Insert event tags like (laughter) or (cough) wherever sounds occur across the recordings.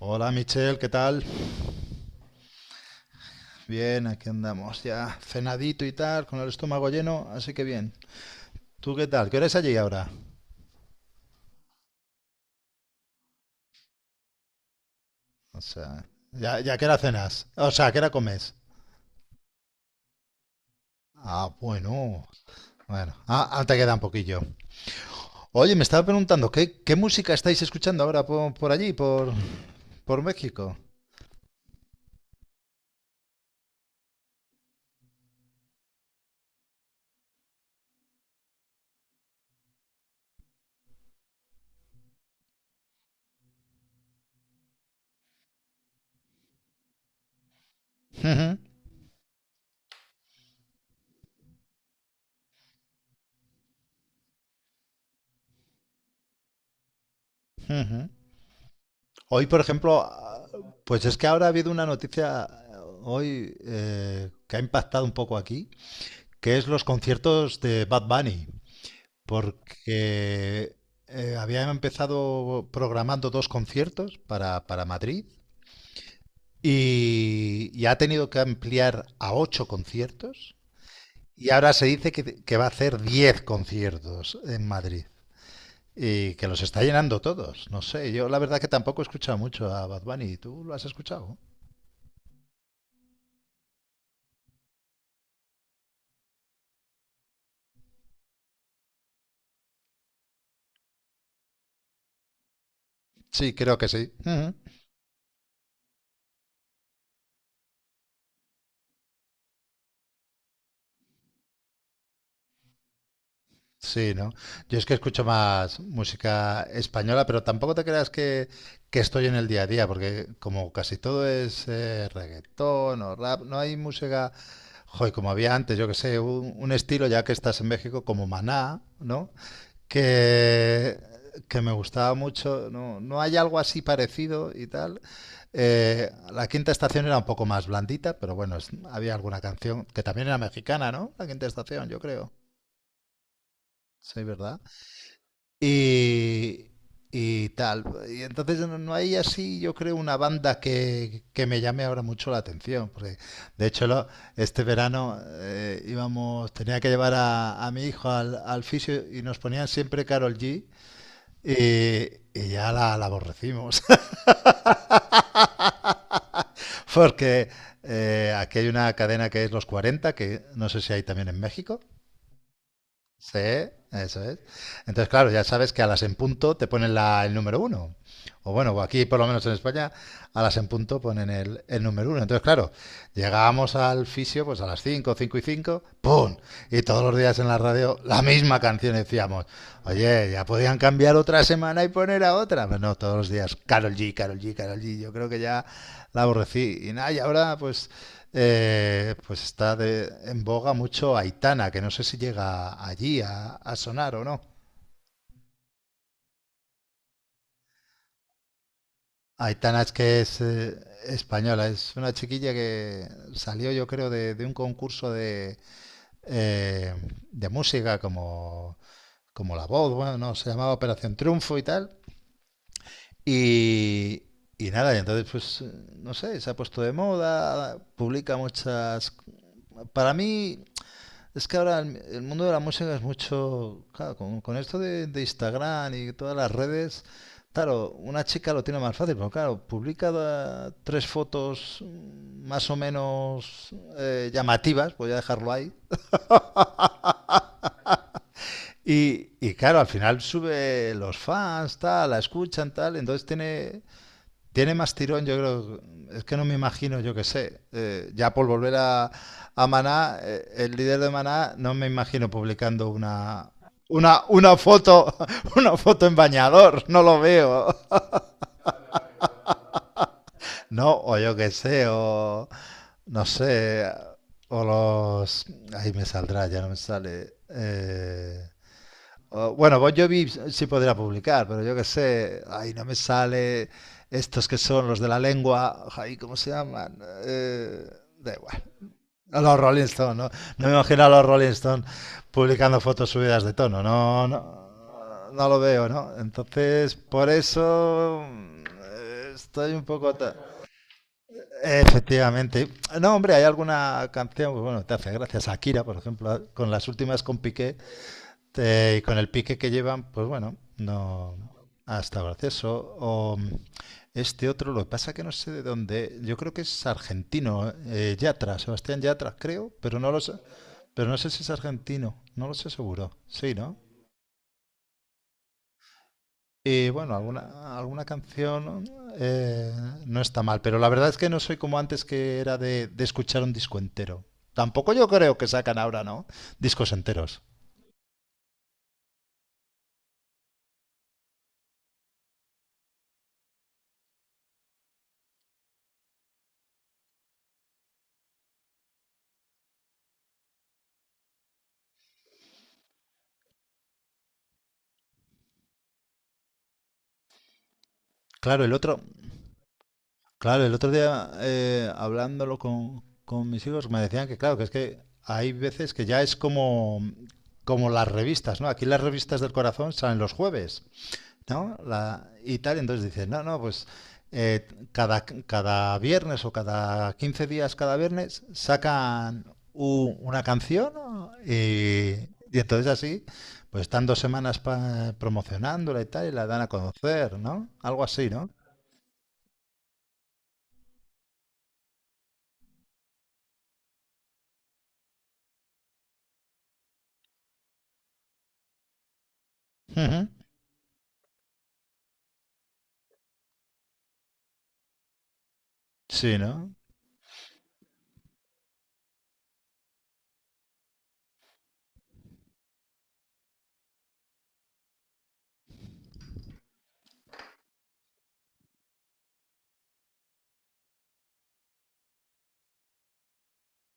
Hola Michelle, ¿qué tal? Bien, aquí andamos ya cenadito y tal, con el estómago lleno, así que bien. ¿Tú qué tal? ¿Qué hora es allí ahora? O sea, ya que era cenas. O sea, ¿qué hora comes? Ah, bueno. Bueno, te queda un poquillo. Oye, me estaba preguntando, ¿qué música estáis escuchando ahora por allí, por México? Ujú, ujú. Hoy, por ejemplo, pues es que ahora ha habido una noticia hoy que ha impactado un poco aquí, que es los conciertos de Bad Bunny, porque había empezado programando dos conciertos para Madrid y ha tenido que ampliar a ocho conciertos y ahora se dice que va a hacer diez conciertos en Madrid. Y que los está llenando todos. No sé, yo la verdad que tampoco he escuchado mucho a Bad Bunny. ¿Tú lo has escuchado? Sí, creo que sí. Ujú. Sí, ¿no? Yo es que escucho más música española, pero tampoco te creas que estoy en el día a día, porque como casi todo es reggaetón o rap, no hay música, joy, como había antes, yo que sé, un estilo, ya que estás en México, como Maná, ¿no? Que, que me gustaba mucho, no, no hay algo así parecido y tal. La quinta estación era un poco más blandita, pero bueno, había alguna canción que también era mexicana, ¿no? La quinta estación, yo creo. Sí, ¿verdad? y, y tal. Y entonces no, no hay así, yo creo, una banda que me llame ahora mucho la atención. Porque de hecho, este verano íbamos, tenía que llevar a mi hijo al fisio y nos ponían siempre Carol G. Y, y ya la aborrecimos. (laughs) Porque aquí hay una cadena que es Los Cuarenta, que no sé si hay también en México. Sí, eso es. Entonces, claro, ya sabes que a las en punto te ponen el número uno. O bueno, o aquí por lo menos en España, a las en punto ponen el número uno. Entonces, claro, llegábamos al fisio pues a las 5, 5 y 5, ¡pum! Y todos los días en la radio la misma canción decíamos. Oye, ya podían cambiar otra semana y poner a otra. Pero no, todos los días, Carol G, Carol G, Carol G. Yo creo que ya la aborrecí. Y nada, y ahora pues pues está en boga mucho Aitana, que no sé si llega allí a sonar o no. Aitana es que es española, es una chiquilla que salió yo creo de un concurso eh, de música como, como La Voz, bueno, no, se llamaba Operación Triunfo y tal. Y, y nada, y entonces pues no sé, se ha puesto de moda, publica muchas... Para mí, es que ahora el mundo de la música es mucho, claro, con esto de Instagram y todas las redes, claro, una chica lo tiene más fácil, pero claro, publica tres fotos más o menos llamativas, voy a dejarlo ahí, y claro, al final sube los fans, tal, la escuchan, tal, entonces tiene, tiene más tirón, yo creo. Es que no me imagino, yo qué sé. Ya por volver a Maná, el líder de Maná, no me imagino publicando una foto, (laughs) una foto en bañador. No lo veo. No, o yo qué sé, o no sé, o los. Ahí me saldrá, ya no me sale. O, bueno, Bon Jovi sí podría publicar, pero yo qué sé, ay, no me sale estos que son los de la lengua, ay, ¿cómo se llaman? Eh, Da igual. A los Rolling Stones, ¿no? No me imagino a los Rolling Stones publicando fotos subidas de tono, no, no, no lo veo, ¿no? Entonces, por eso estoy un poco... ta- Efectivamente. No, hombre, hay alguna canción, pues bueno, te hace gracia. Shakira, por ejemplo, con las últimas con Piqué, y con el pique que llevan, pues bueno, no ha estado gracioso. O este otro, lo que pasa que no sé de dónde, yo creo que es argentino, Yatra, Sebastián Yatra, creo, pero no lo sé, pero no sé si es argentino, no lo sé seguro. Sí, ¿no? Y bueno, alguna canción eh, no está mal, pero la verdad es que no soy como antes que era de escuchar un disco entero. Tampoco yo creo que sacan ahora, ¿no? Discos enteros. Claro, el otro, Claro, el otro día hablándolo con mis hijos me decían que claro, que es que hay veces que ya es como, como las revistas, ¿no? Aquí las revistas del corazón salen los jueves, ¿no? La, y tal, entonces dicen, no, no, pues cada viernes o cada 15 días, cada viernes, sacan una canción, ¿no? Y entonces así, pues están dos semanas promocionándola y tal y la dan a conocer, ¿no? Algo así, ¿no? Ujú. Sí, ¿no?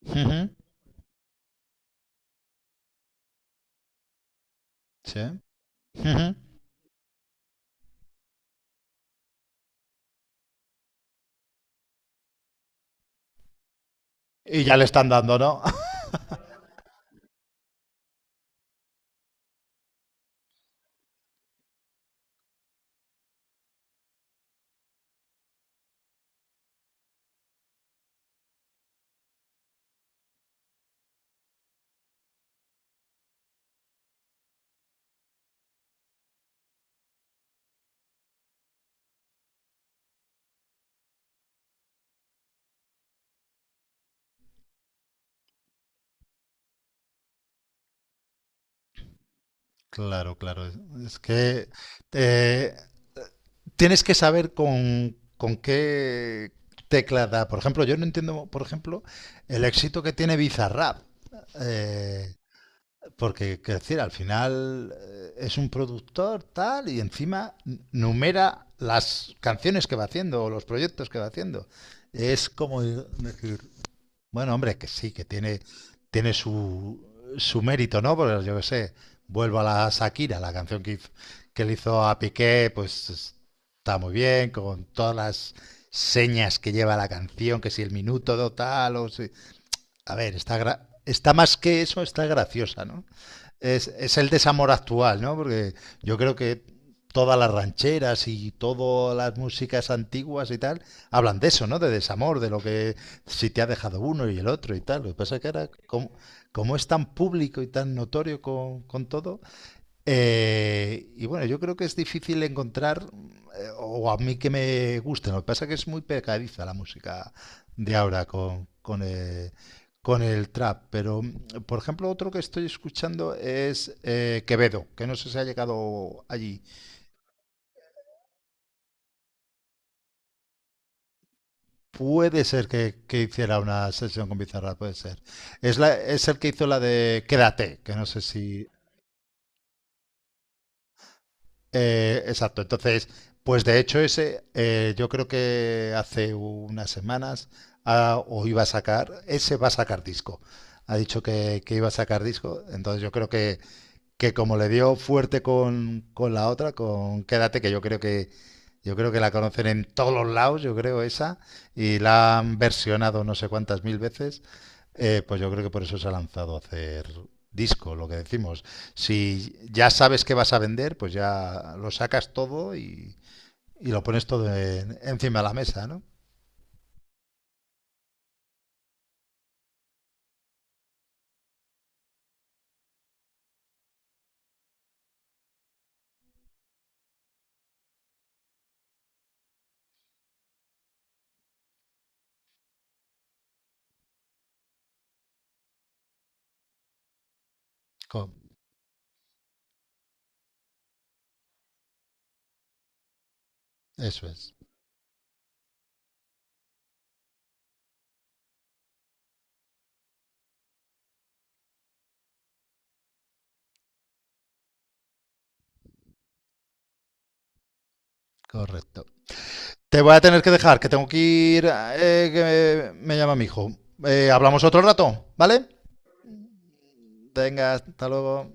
Ujú, sí. Ujú. Y ya le están dando, ¿no? (laughs) Claro, claro. Es, es que eh, tienes que saber con qué tecla da. Por ejemplo, yo no entiendo, por ejemplo, el éxito que tiene Bizarrap. eh, Porque, quiero decir, al final es un productor tal y encima numera las canciones que va haciendo o los proyectos que va haciendo. Es como decir, bueno, hombre, es que sí, que tiene, tiene su mérito, ¿no? Porque yo qué sé, vuelvo a la Shakira, la canción que le hizo a Piqué, pues está muy bien, con todas las señas que lleva la canción, que si el minuto do tal, o si, a ver, está, está más que eso, está graciosa, ¿no? Es el desamor actual, ¿no? Porque yo creo que todas las rancheras y todas las músicas antiguas y tal hablan de eso, ¿no? De desamor, de lo que si te ha dejado uno y el otro y tal. Lo que pasa es que ahora, como, como es tan público y tan notorio con todo, y bueno, yo creo que es difícil encontrar, o a mí que me guste, lo que pasa es que es muy pegadiza la música de ahora con el trap, pero por ejemplo otro que estoy escuchando es Quevedo, que no sé si ha llegado allí. Puede ser que hiciera una sesión con Bizarra, puede ser. Es, la, es el que hizo la de Quédate, que no sé si... exacto, entonces, pues de hecho ese, yo creo que hace unas semanas ah, o iba a sacar, ese va a sacar disco. Ha dicho que iba a sacar disco, entonces yo creo que como le dio fuerte con la otra, con Quédate, que yo creo que, yo creo que la conocen en todos los lados, yo creo esa, y la han versionado no sé cuántas mil veces, pues yo creo que por eso se ha lanzado a hacer disco, lo que decimos. Si ya sabes que vas a vender, pues ya lo sacas todo y lo pones todo encima de la mesa, ¿no? Co- eso es, correcto. Te voy a tener que dejar, que tengo que ir, que me llama mi hijo. Hablamos otro rato, ¿vale? Venga, hasta luego.